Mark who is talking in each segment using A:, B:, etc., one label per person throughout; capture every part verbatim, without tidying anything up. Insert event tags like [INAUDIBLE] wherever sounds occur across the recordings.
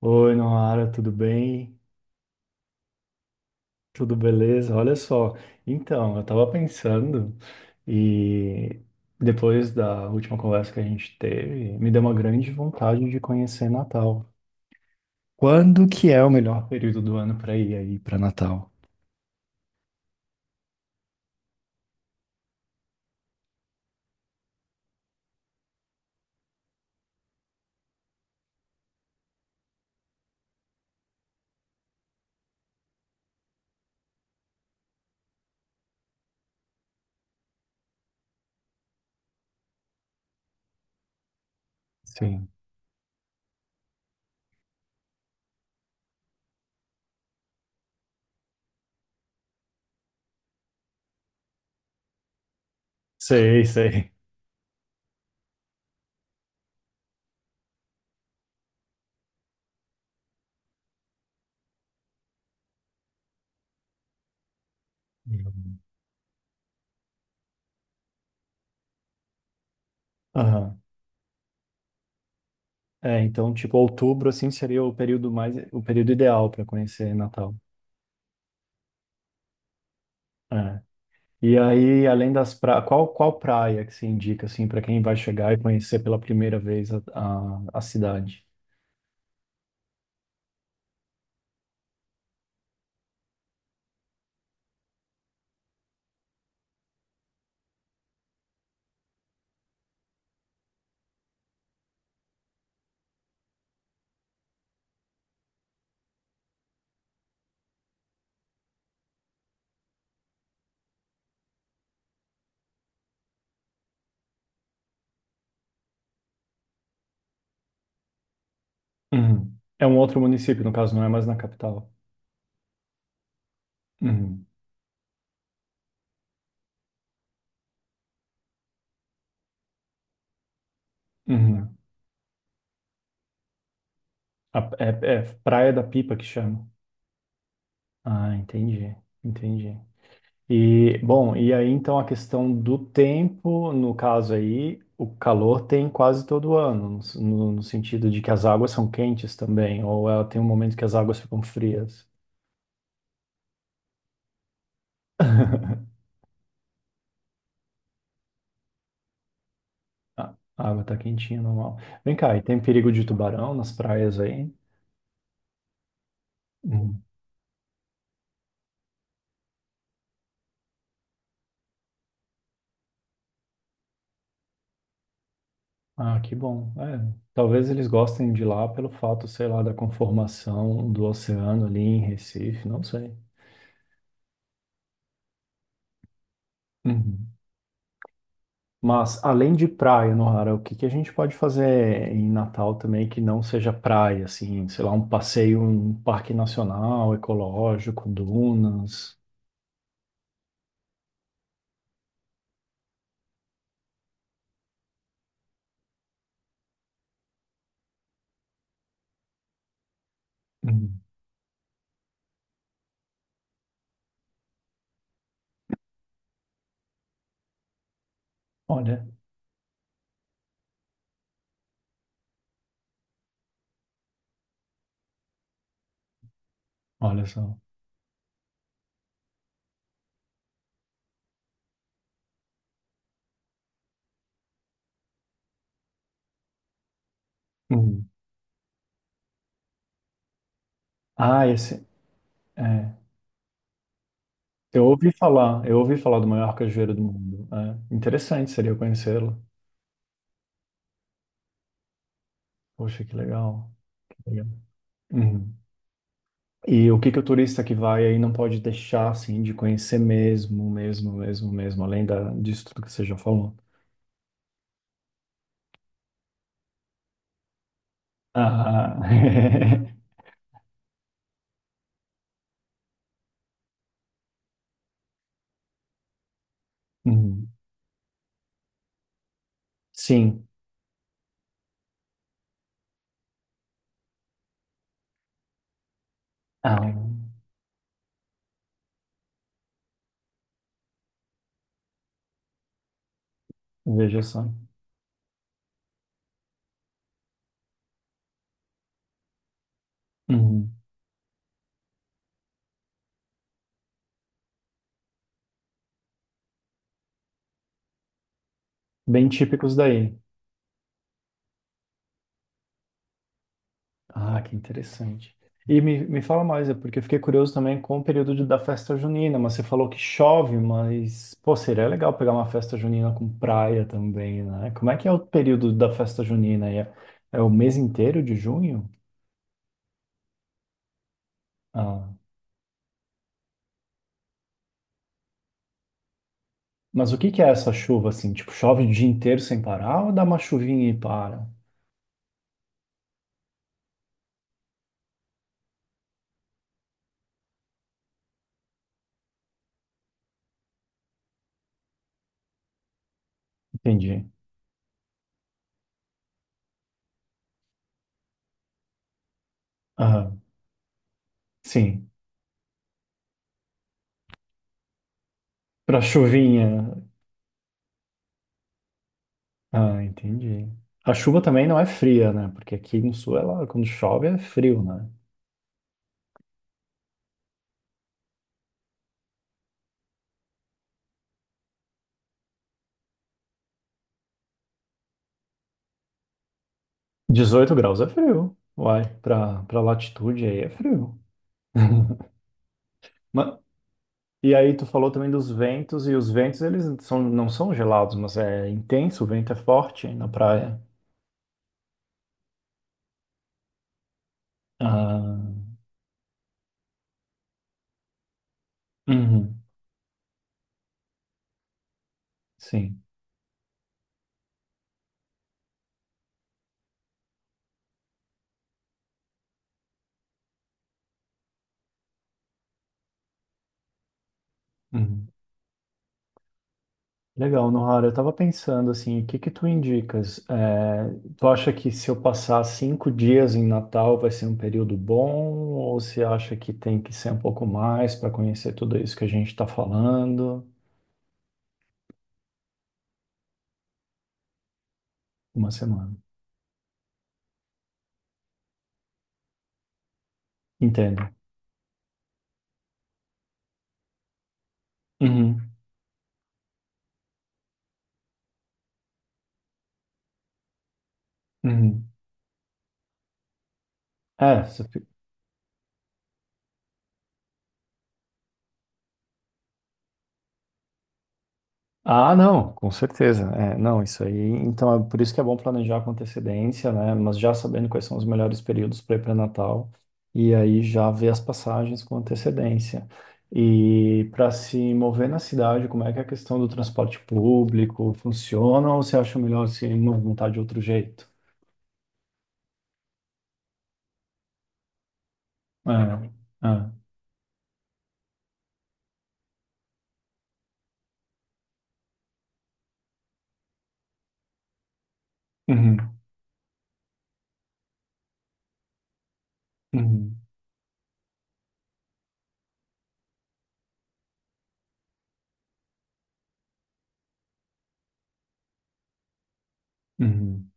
A: Oi, Noara, tudo bem? Tudo beleza? Olha só, então, eu tava pensando e depois da última conversa que a gente teve, me deu uma grande vontade de conhecer Natal. Quando que é o melhor período do ano para ir aí para Natal? Sim. Sei, sei. Uhum. Aham. É, então, tipo, outubro assim seria o período mais o período ideal para conhecer Natal. É. E aí, além das praias, qual, qual praia que você indica, assim, para quem vai chegar e conhecer pela primeira vez a, a, a cidade? Uhum. É um outro município, no caso, não é mais na capital. Uhum. Uhum. A- é, é Praia da Pipa que chama. Ah, entendi, entendi. E, bom, e aí, então, a questão do tempo, no caso aí, o calor tem quase todo ano, no, no no sentido de que as águas são quentes também, ou ela tem um momento que as águas ficam frias. [LAUGHS] A a água tá quentinha, normal. Vem cá, e tem perigo de tubarão nas praias aí? Uhum. Ah, que bom. É, talvez eles gostem de lá pelo fato, sei lá, da conformação do oceano ali em Recife, não sei. Uhum. Mas além de praia, Nohara, o que que a gente pode fazer em Natal também que não seja praia, assim, sei lá, um passeio, um parque nacional, ecológico, dunas? Uhum. Olha, olha só. Uhum. Ah, esse. É. Eu ouvi falar, eu ouvi falar do maior cajueiro do mundo. É, interessante seria conhecê-lo. Poxa, que legal. Que legal. Uhum. E o que que o turista que vai aí não pode deixar assim de conhecer mesmo, mesmo, mesmo, mesmo, além da, disso tudo que você já falou. Ah, [LAUGHS] uhum. Sim. Ah, veja só. Uhum. Bem típicos daí. Ah, que interessante. E me, me fala mais, é porque eu fiquei curioso também com o período de- da festa junina, mas você falou que chove, mas, pô, seria legal pegar uma festa junina com praia também, né? Como é que é o período da festa junina? É, é o mês inteiro de junho? Ah, mas o que que é essa chuva, assim? Tipo, chove o dia inteiro sem parar ou dá uma chuvinha e para? Entendi. Ah, sim, pra chuvinha. Ah, entendi. A chuva também não é fria, né? Porque aqui no sul, ela, quando chove, é frio, né? Dezoito graus é frio. Uai, pra, pra latitude aí é frio. [LAUGHS] Ma- E aí tu falou também dos ventos, e os ventos eles são, não são gelados, mas é intenso, o vento é forte na praia. Ah, uhum, sim. Uhum. Legal, Nohara, eu tava pensando assim, o que que tu indicas? É, tu acha que se eu passar cinco dias em Natal vai ser um período bom, ou você acha que tem que ser um pouco mais para conhecer tudo isso que a gente está falando? Uma semana. Entendo. Uhum, uhum. É, você fi- ah, não, com certeza. É, não, isso aí. Então, é por isso que é bom planejar com antecedência, né? Mas já sabendo quais são os melhores períodos para ir para Natal, e aí já ver as passagens com antecedência. E para se mover na cidade, como é que é a questão do transporte público funciona, ou você acha melhor se movimentar de outro jeito? É, é. Uhum, uhum, uhum.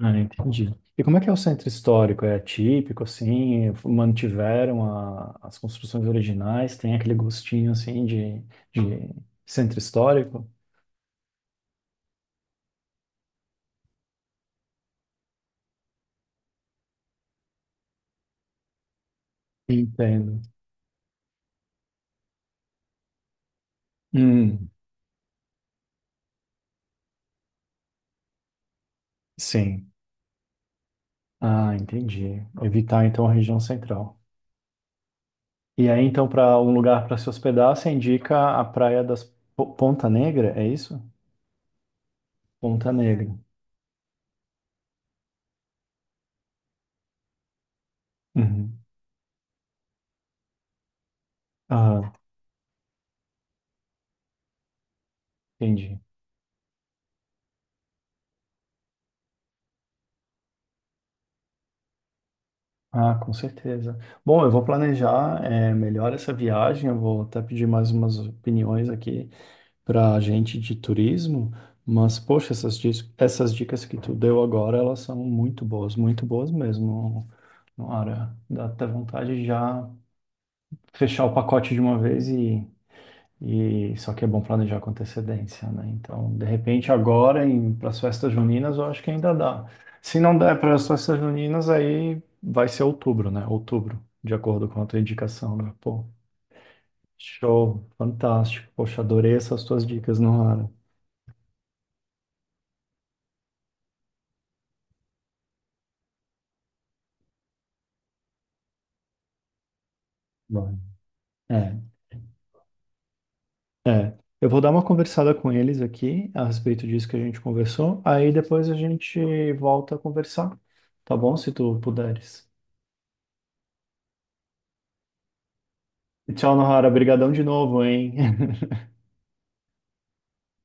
A: Ah, entendi. E como é que é o centro histórico? É típico, assim? Mantiveram a- as construções originais? Tem aquele gostinho, assim, de, de centro histórico? Entendo. Hum, sim. Ah, entendi. Evitar, então, a região central. E aí, então, para um lugar para se hospedar, você indica a Praia das Po- Ponta Negra, é isso? Ponta Negra. Uhum. Ah, entendi. Ah, com certeza. Bom, eu vou planejar eh, melhor essa viagem. Eu vou até pedir mais umas opiniões aqui para a gente de turismo. Mas, poxa, essas, dis- essas dicas que tu deu agora, elas são muito boas, muito boas mesmo. Nora, dá até vontade de já fechar o pacote de uma vez e só que é bom planejar com antecedência, né? Então, de repente, agora para as festas juninas, eu acho que ainda dá. Se não der para as festas juninas, aí vai ser outubro, né? Outubro, de acordo com a tua indicação, né? Pô, show, fantástico. Poxa, adorei essas tuas dicas, Nohara. Vai. É, é. Eu vou dar uma conversada com eles aqui a respeito disso que a gente conversou. Aí depois a gente volta a conversar, tá bom? Se tu puderes. E Tchau, Nohara. Obrigadão de novo, hein?